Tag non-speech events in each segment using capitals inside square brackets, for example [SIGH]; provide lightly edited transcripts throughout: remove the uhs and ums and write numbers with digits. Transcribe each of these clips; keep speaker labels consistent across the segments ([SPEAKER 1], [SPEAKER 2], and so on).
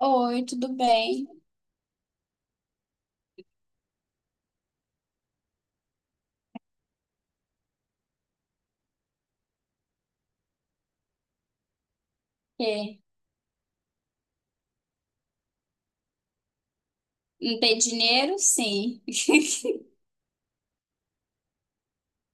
[SPEAKER 1] Oi, tudo bem? É. Não tem dinheiro? Sim. [LAUGHS]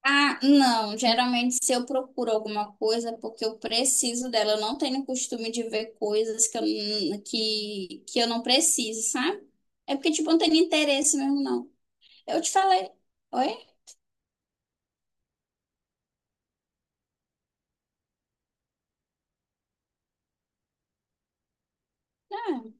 [SPEAKER 1] Ah, não. Geralmente, se eu procuro alguma coisa, é porque eu preciso dela. Eu não tenho costume de ver coisas que que eu não preciso, sabe? É porque, tipo, eu não tenho interesse mesmo, não. Eu te falei. Oi? Ah,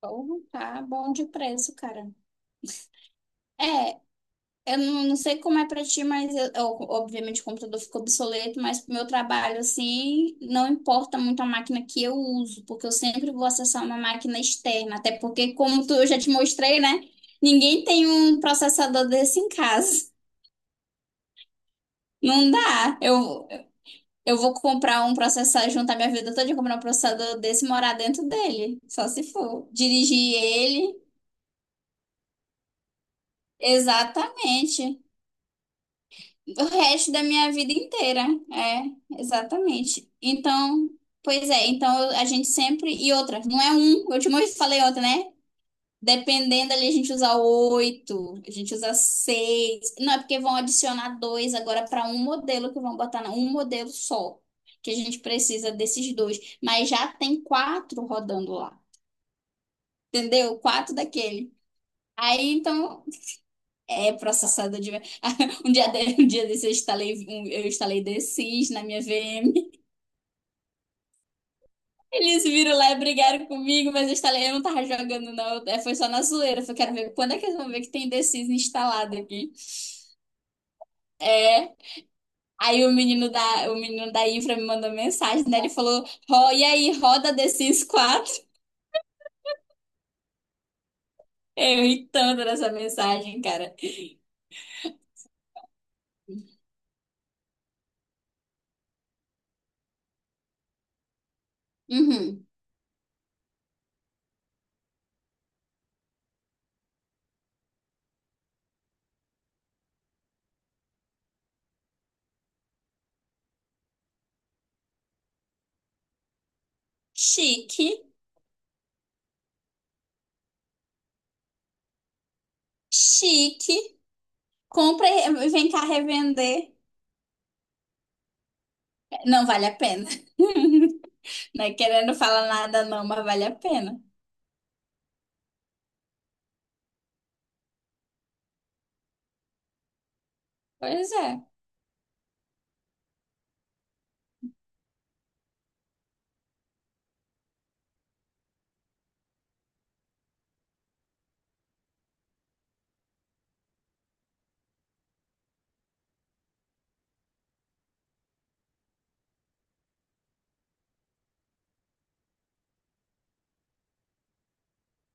[SPEAKER 1] porra, tá bom de preço, cara. É. Eu não sei como é pra ti, mas obviamente o computador ficou obsoleto, mas pro meu trabalho, assim, não importa muito a máquina que eu uso, porque eu sempre vou acessar uma máquina externa, até porque, como tu, eu já te mostrei, né? Ninguém tem um processador desse em casa. Não dá. Eu vou comprar um processador, juntar minha vida toda e comprar um processador desse e morar dentro dele, só se for dirigir ele. Exatamente. O resto da minha vida inteira, é, exatamente. Então, pois é, então a gente sempre. E outra, não é um, eu te falei outra, né? Dependendo ali, a gente usa oito, a gente usa seis. Não, é porque vão adicionar dois agora para um modelo que vão botar um modelo só. Que a gente precisa desses dois. Mas já tem quatro rodando lá. Entendeu? Quatro daquele. Aí, então. É processador de. [LAUGHS] Um dia, de... um dia desse eu instalei The Sims na minha VM. Eles viram lá e brigaram comigo, mas eu instalei, eu não tava jogando, não. É, foi só na zoeira. Eu falei, quero ver quando é que eles vão ver que tem The Sims instalado aqui. É. Aí o menino da infra me mandou mensagem, né? Ele falou, Ro, e aí, roda The Sims 4? [LAUGHS] Eu ri tanto nessa mensagem, cara. Uhum. Chique, chique. Compra e vem cá revender. Não vale a pena. [LAUGHS] Não é querendo falar nada, não, mas vale a pena. Pois é.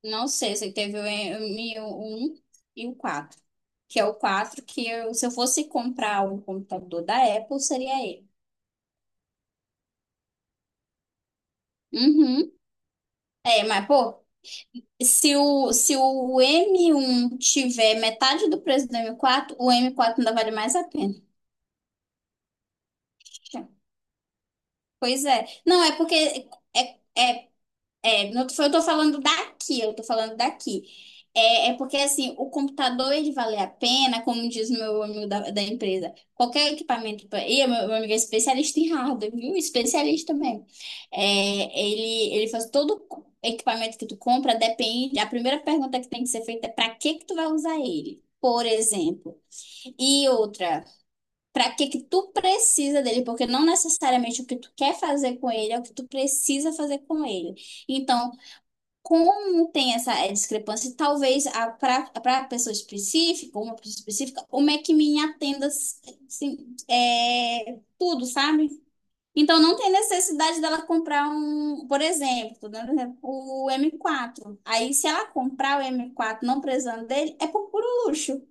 [SPEAKER 1] Não sei se teve o 1 e o 4. Que é o 4 se eu fosse comprar um computador da Apple, seria ele. Uhum. É, mas, pô, se o M1 tiver metade do preço do M4, o M4 ainda vale mais a pena. Pois é. Não, é porque é. É, não tô- eu tô falando daqui, eu tô falando daqui. É, é porque, assim, o computador, ele vale a pena, como diz o meu amigo da empresa. Qualquer equipamento... E o meu amigo é especialista em hardware, viu? Especialista mesmo. É, ele faz todo equipamento que tu compra, depende... A primeira pergunta que tem que ser feita é pra que que tu vai usar ele, por exemplo. E outra... Pra que que tu precisa dele? Porque não necessariamente o que tu quer fazer com ele é o que tu precisa fazer com ele. Então, como tem essa discrepância, talvez para a pessoa específica, uma pessoa específica, o MacMin atenda assim, tudo, sabe? Então não tem necessidade dela comprar um, por exemplo, tô dando um exemplo, o M4. Aí se ela comprar o M4 não precisando dele, é por puro luxo.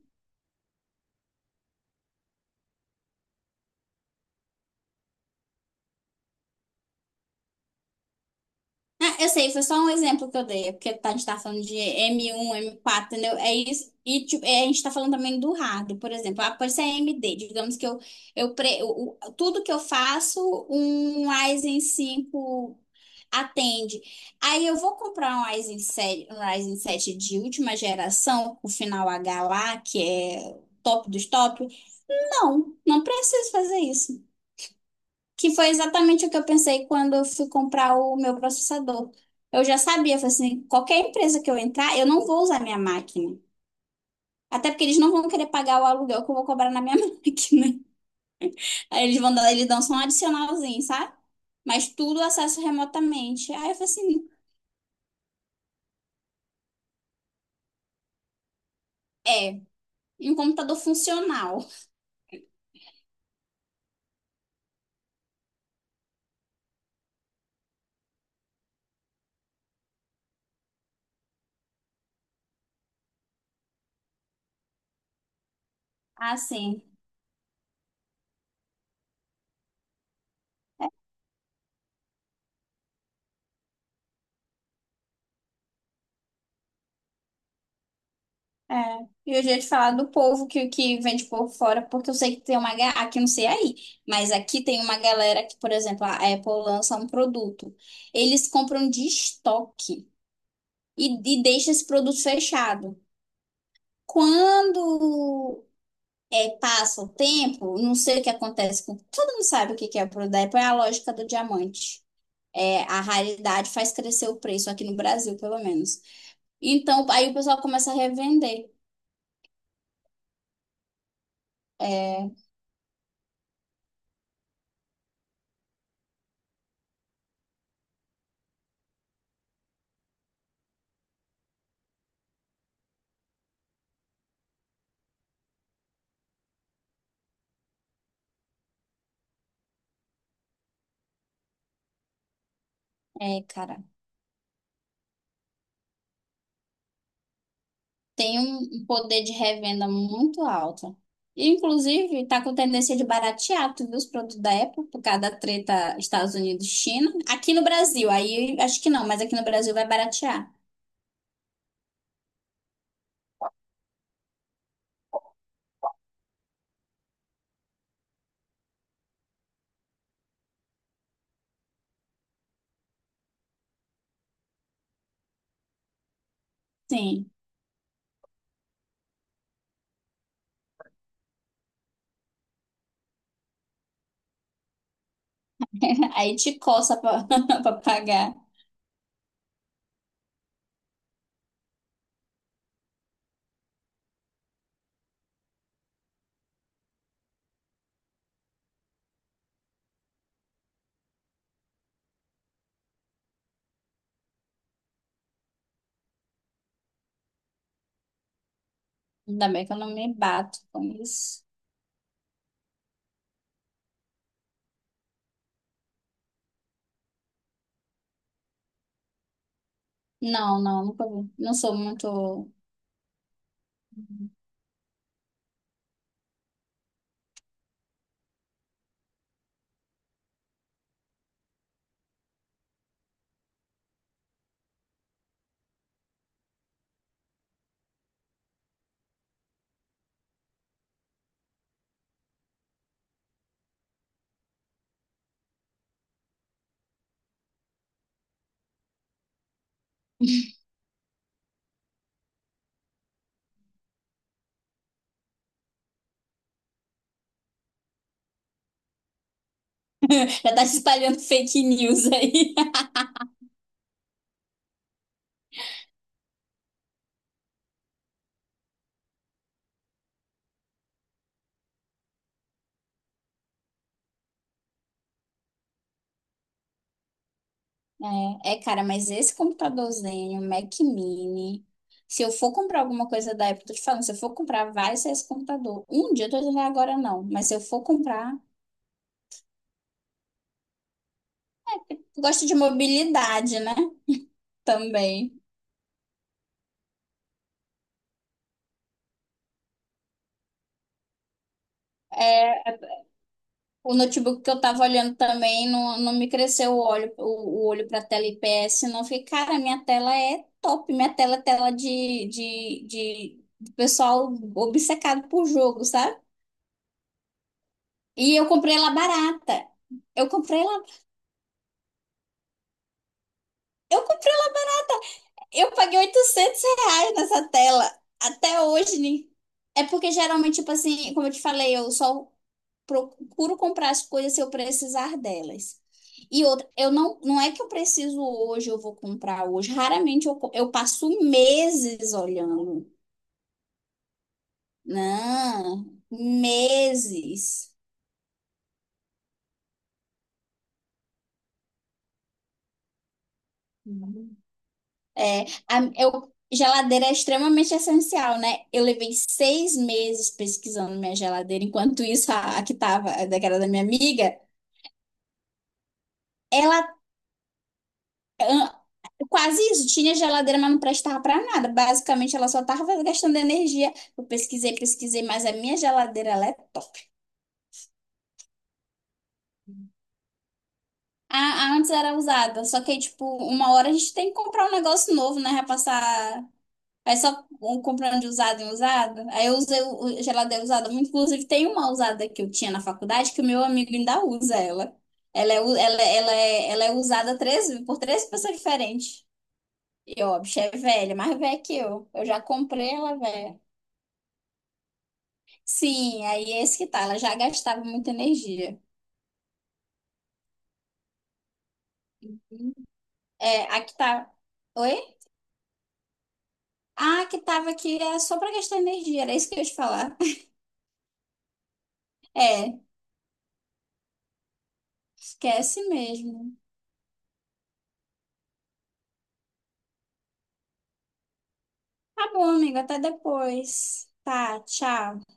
[SPEAKER 1] Ah, eu sei, foi só um exemplo que eu dei, porque a gente tá falando de M1, M4, entendeu? É isso. E tipo, é, a gente tá falando também do hardware, por exemplo. Ah, pode ser AMD, digamos que eu pre, o- tudo que eu faço, um Ryzen 5 atende. Aí eu vou comprar um Ryzen sete de última geração, o final H lá, que é top dos top. Não, não preciso fazer isso. Que foi exatamente o que eu pensei quando eu fui comprar o meu processador. Eu já sabia, eu falei assim, qualquer empresa que eu entrar, eu não vou usar minha máquina. Até porque eles não vão querer pagar o aluguel que eu vou cobrar na minha [LAUGHS] máquina. Aí eles vão dar, eles dão só um adicionalzinho, sabe? Mas tudo acesso remotamente. Aí eu falei assim, e um computador funcional. Assim. É, e eu já ia te falar do povo que vende por fora, porque eu sei que tem uma. Aqui não sei aí, mas aqui tem uma galera que, por exemplo, a Apple lança um produto. Eles compram de estoque e, e deixa esse produto fechado. Quando é, passa o tempo, não sei o que acontece com. Todo mundo sabe o que que é o produto da Apple, é a lógica do diamante. É, a raridade faz crescer o preço, aqui no Brasil, pelo menos. Então, aí o pessoal começa a revender. É, é, tem um poder de revenda muito alto. E, inclusive, está com tendência de baratear, tu os produtos da Apple, por causa da treta Estados Unidos, e China. Aqui no Brasil, aí acho que não, mas aqui no Brasil vai baratear. Sim. [LAUGHS] Aí te coça pra, [LAUGHS] pra pagar. Ainda bem que eu não me bato com isso. Não, não, nunca vi. Não sou muito. [LAUGHS] Já tá se espalhando fake news aí. É, cara, mas esse computadorzinho, Mac Mini, se eu for comprar alguma coisa da Apple, tô te falando, se eu for comprar, vai ser esse computador. Um dia eu tô dizendo agora não, mas se eu for comprar, eu gosto de mobilidade, né? Também. É, o notebook que eu tava olhando também não me cresceu o olho, o olho pra tela IPS, não. Eu fiquei, cara, minha tela é top, minha tela é tela de pessoal obcecado por jogo, sabe? E eu comprei ela barata. Eu comprei ela Eu comprei, um, eu paguei R$ 800 nessa tela. Até hoje, né? É porque geralmente, tipo assim, como eu te falei, eu só procuro comprar as coisas se eu precisar delas. E outra, eu não, não é que eu preciso hoje, eu vou comprar hoje. Raramente eu passo meses olhando. Não, meses. É, geladeira é extremamente essencial, né? Eu levei 6 meses pesquisando minha geladeira, enquanto isso, a que tava, que era da minha amiga, ela ah, quase isso, tinha geladeira, mas não prestava para nada. Basicamente, ela só tava gastando energia. Eu pesquisei, pesquisei, mas a minha geladeira, ela é top. A antes era usada, só que aí, tipo, uma hora a gente tem que comprar um negócio novo, né? Vai passar. Aí só um comprando de usado em usado. Aí eu usei o geladeira usada muito. Inclusive, tem uma usada que eu tinha na faculdade que o meu amigo ainda usa ela. Ela é usada três, por três pessoas diferentes. E, ó, a bicha é velha, mais velha que eu. Eu já comprei ela velha. Sim, aí é esse que tá. Ela já gastava muita energia. É, a que tá. Oi? Ah, a que tava aqui é só pra gastar energia. Era isso que eu ia te falar. [LAUGHS] É, esquece mesmo. Tá bom, amiga. Até depois. Tá, tchau.